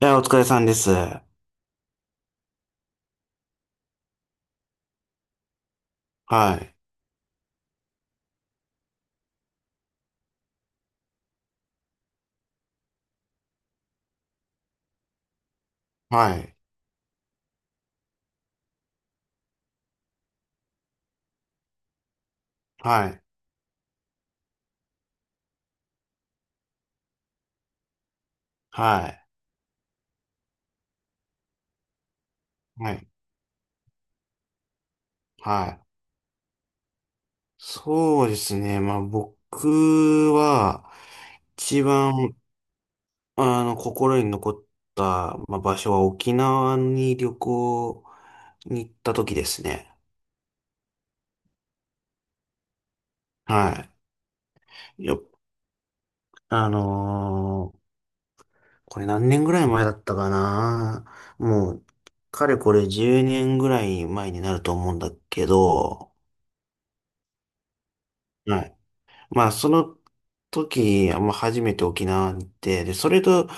いや、お疲れさんです。はい。はい。はい。はい。はい。はい。そうですね。僕は、一番、心に残った、場所は沖縄に旅行に行った時ですね。はい。よ、あのーこれ何年ぐらい前だったかな。もう、かれこれ10年ぐらい前になると思うんだけど、はい。その時、初めて沖縄に行って、で、それと、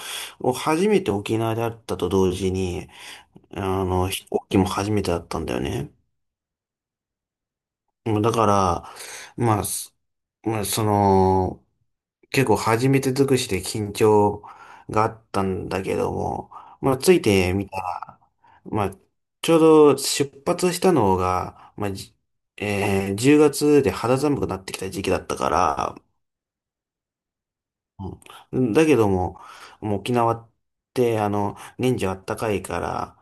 初めて沖縄であったと同時に、飛行機も初めてだったんだよね。だから、まあ、すまあ、その、結構初めて尽くしで緊張があったんだけども、ついてみたら、まあ、ちょうど出発したのが、まあ、じえー10月で肌寒くなってきた時期だったから、うんだけども、もう沖縄って、年中あったかいから、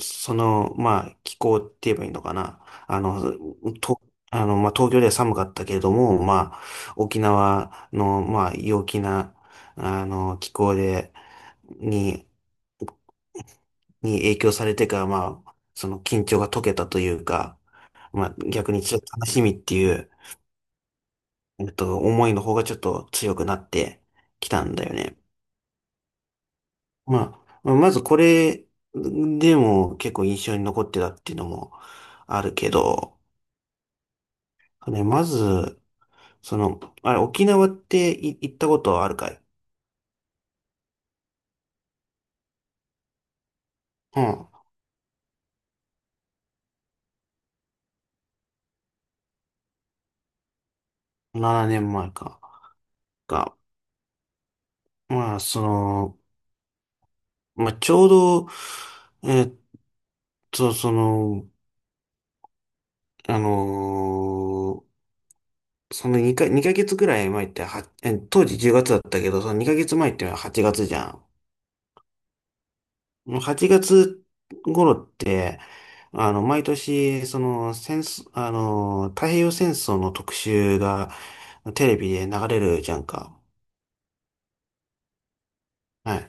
気候って言えばいいのかな。あの、と、あの、まあ、東京では寒かったけれども、沖縄の、陽気な、気候で、に、に影響されてから、その緊張が解けたというか、逆にちょっと楽しみっていう、思いの方がちょっと強くなってきたんだよね。まずこれでも結構印象に残ってたっていうのもあるけど、ね、まず、その、あれ、沖縄って行ったことあるかい？うん。7年前か。が、まあ、その、ちょうど、えっと、その、あのーその2ヶ月くらい前っては、当時10月だったけど、その2ヶ月前って8月じゃん。もう8月頃って、毎年、戦争、太平洋戦争の特集がテレビで流れるじゃんか。は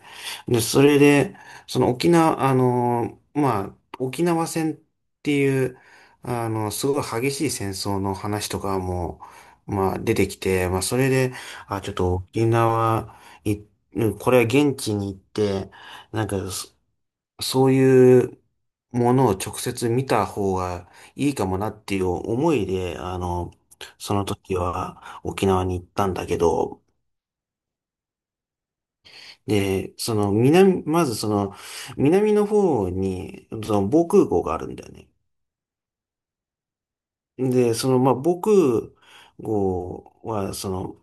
い。で、それで、沖縄戦っていう、すごい激しい戦争の話とかも、出てきて、それで、あ、ちょっと沖縄、い、うんこれは現地に行って、なんか、そういうものを直接見た方がいいかもなっていう思いで、その時は沖縄に行ったんだけど、で、その南、まずその南の方にその防空壕があるんだよね。で、その防空壕はその、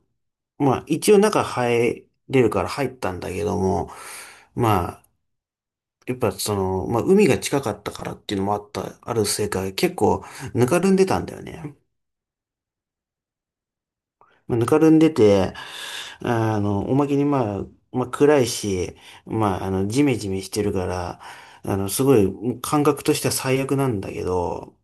まあ一応中入れるから入ったんだけども、まあやっぱ海が近かったからっていうのもあった、あるせいか結構ぬかるんでたんだよね。ぬかるんでて、おまけに暗いし、ジメジメしてるから、すごい感覚としては最悪なんだけど、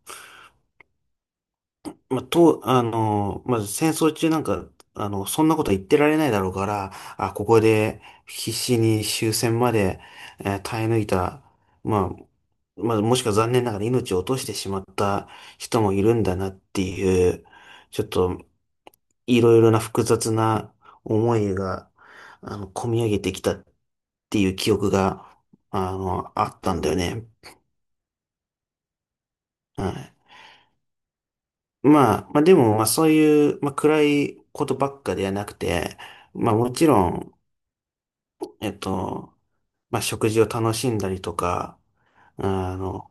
まあ、と、あの、まあ、戦争中なんか、そんなこと言ってられないだろうから、あ、ここで必死に終戦まで、耐え抜いた、まもしくは残念ながら命を落としてしまった人もいるんだなっていう、ちょっと、いろいろな複雑な思いが、込み上げてきたっていう記憶が、あったんだよね。はい。でも、そういう、暗いことばっかではなくて、もちろん、えっと、食事を楽しんだりとか、あの、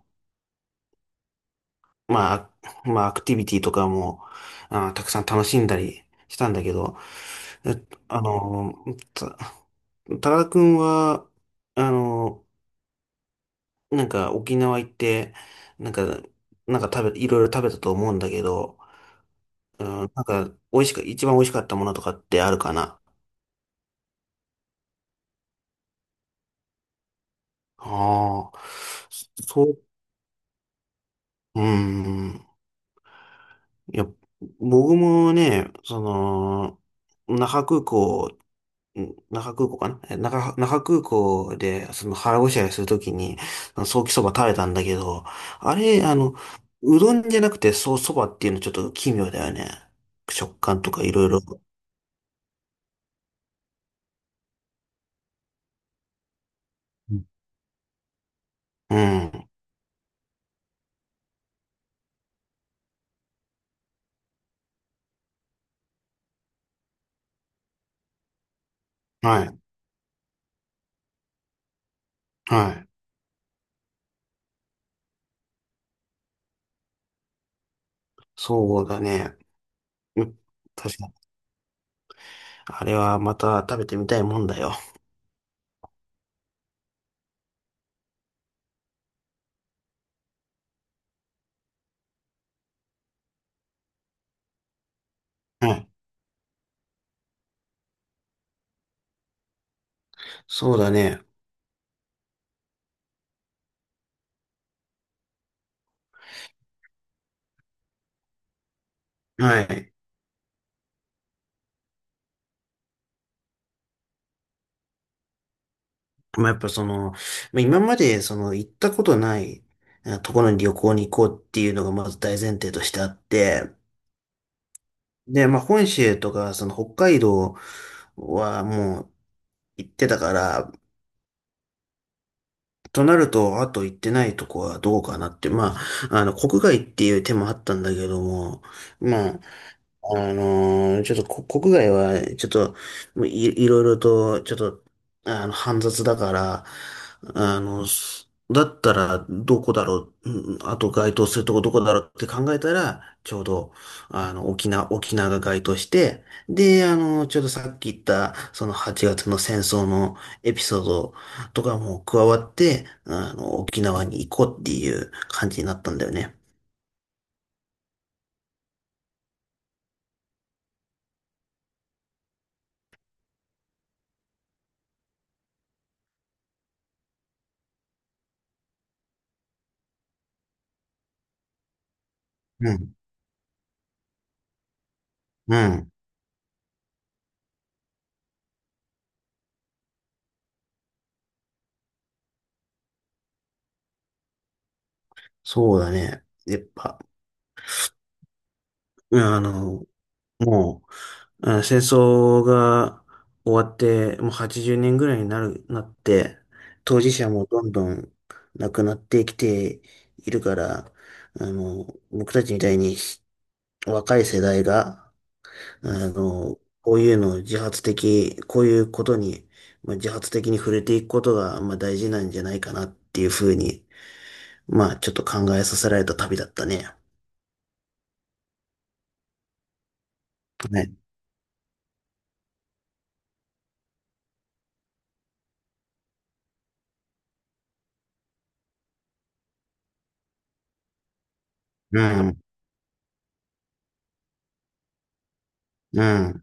まあ、アクティビティとかも、たくさん楽しんだりしたんだけど、えっと、あの、た、多田くんは、あの、なんか沖縄行って、なんか、なんか食べ、いろいろ食べたと思うんだけど、うん、なんか美味しく、一番美味しかったものとかってあるかな？ああ、そう、うん。いや、僕もね、その、那覇空港、ん那覇空港かなえ那覇、那覇空港で、その腹ごしらえするときに、ソーキそば食べたんだけど、あれ、うどんじゃなくてそばっていうのちょっと奇妙だよね。食感とかいろいろ。うん。はい。はい。そうだね。うん確かに。あれはまた食べてみたいもんだよ。はい。そうだね。はい。やっぱ今までその行ったことないところに旅行に行こうっていうのがまず大前提としてあって、で、本州とかその北海道はもう行ってたから、となると、あと行ってないとこはどうかなって、国外っていう手もあったんだけども、まあ、ちょっと国外は、ちょっと、もうい、いろいろと、ちょっと、煩雑だから、だったら、どこだろう、あと該当するとこどこだろうって考えたら、ちょうど、沖縄が該当して、で、ちょうどさっき言った、その8月の戦争のエピソードとかも加わって、沖縄に行こうっていう感じになったんだよね。うん。うん。そうだね。やっぱ、うんあの、もう、うん戦争が終わって、もう80年ぐらいになって、当事者もどんどん亡くなってきているから、あの、僕たちみたいに若い世代が、こういうのを自発的、こういうことに、自発的に触れていくことが、大事なんじゃないかなっていうふうに、ちょっと考えさせられた旅だったね。ね。うん。うん。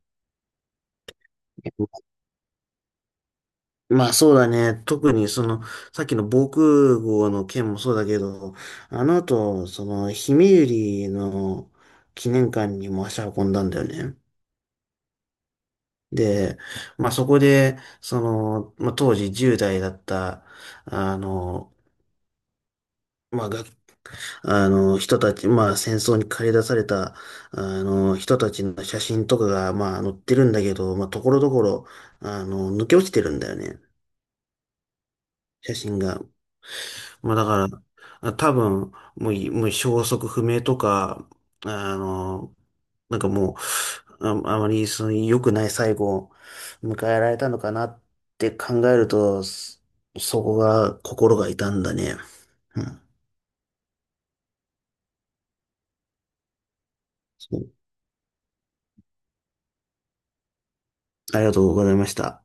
そうだね。特にさっきの防空壕の件もそうだけど、あの後、ひめゆりの記念館にも足運んだんだよね。で、そこで、当時10代だった、あの、まあ、が、あの、人たち、戦争に駆り出された、人たちの写真とかが、載ってるんだけど、ところどころ、抜け落ちてるんだよね、写真が。だから、多分、もう消息不明とか、あの、もう、あまり、良くない最後を迎えられたのかなって考えると、そこが、心が痛んだね。うん。そうありがとうございました。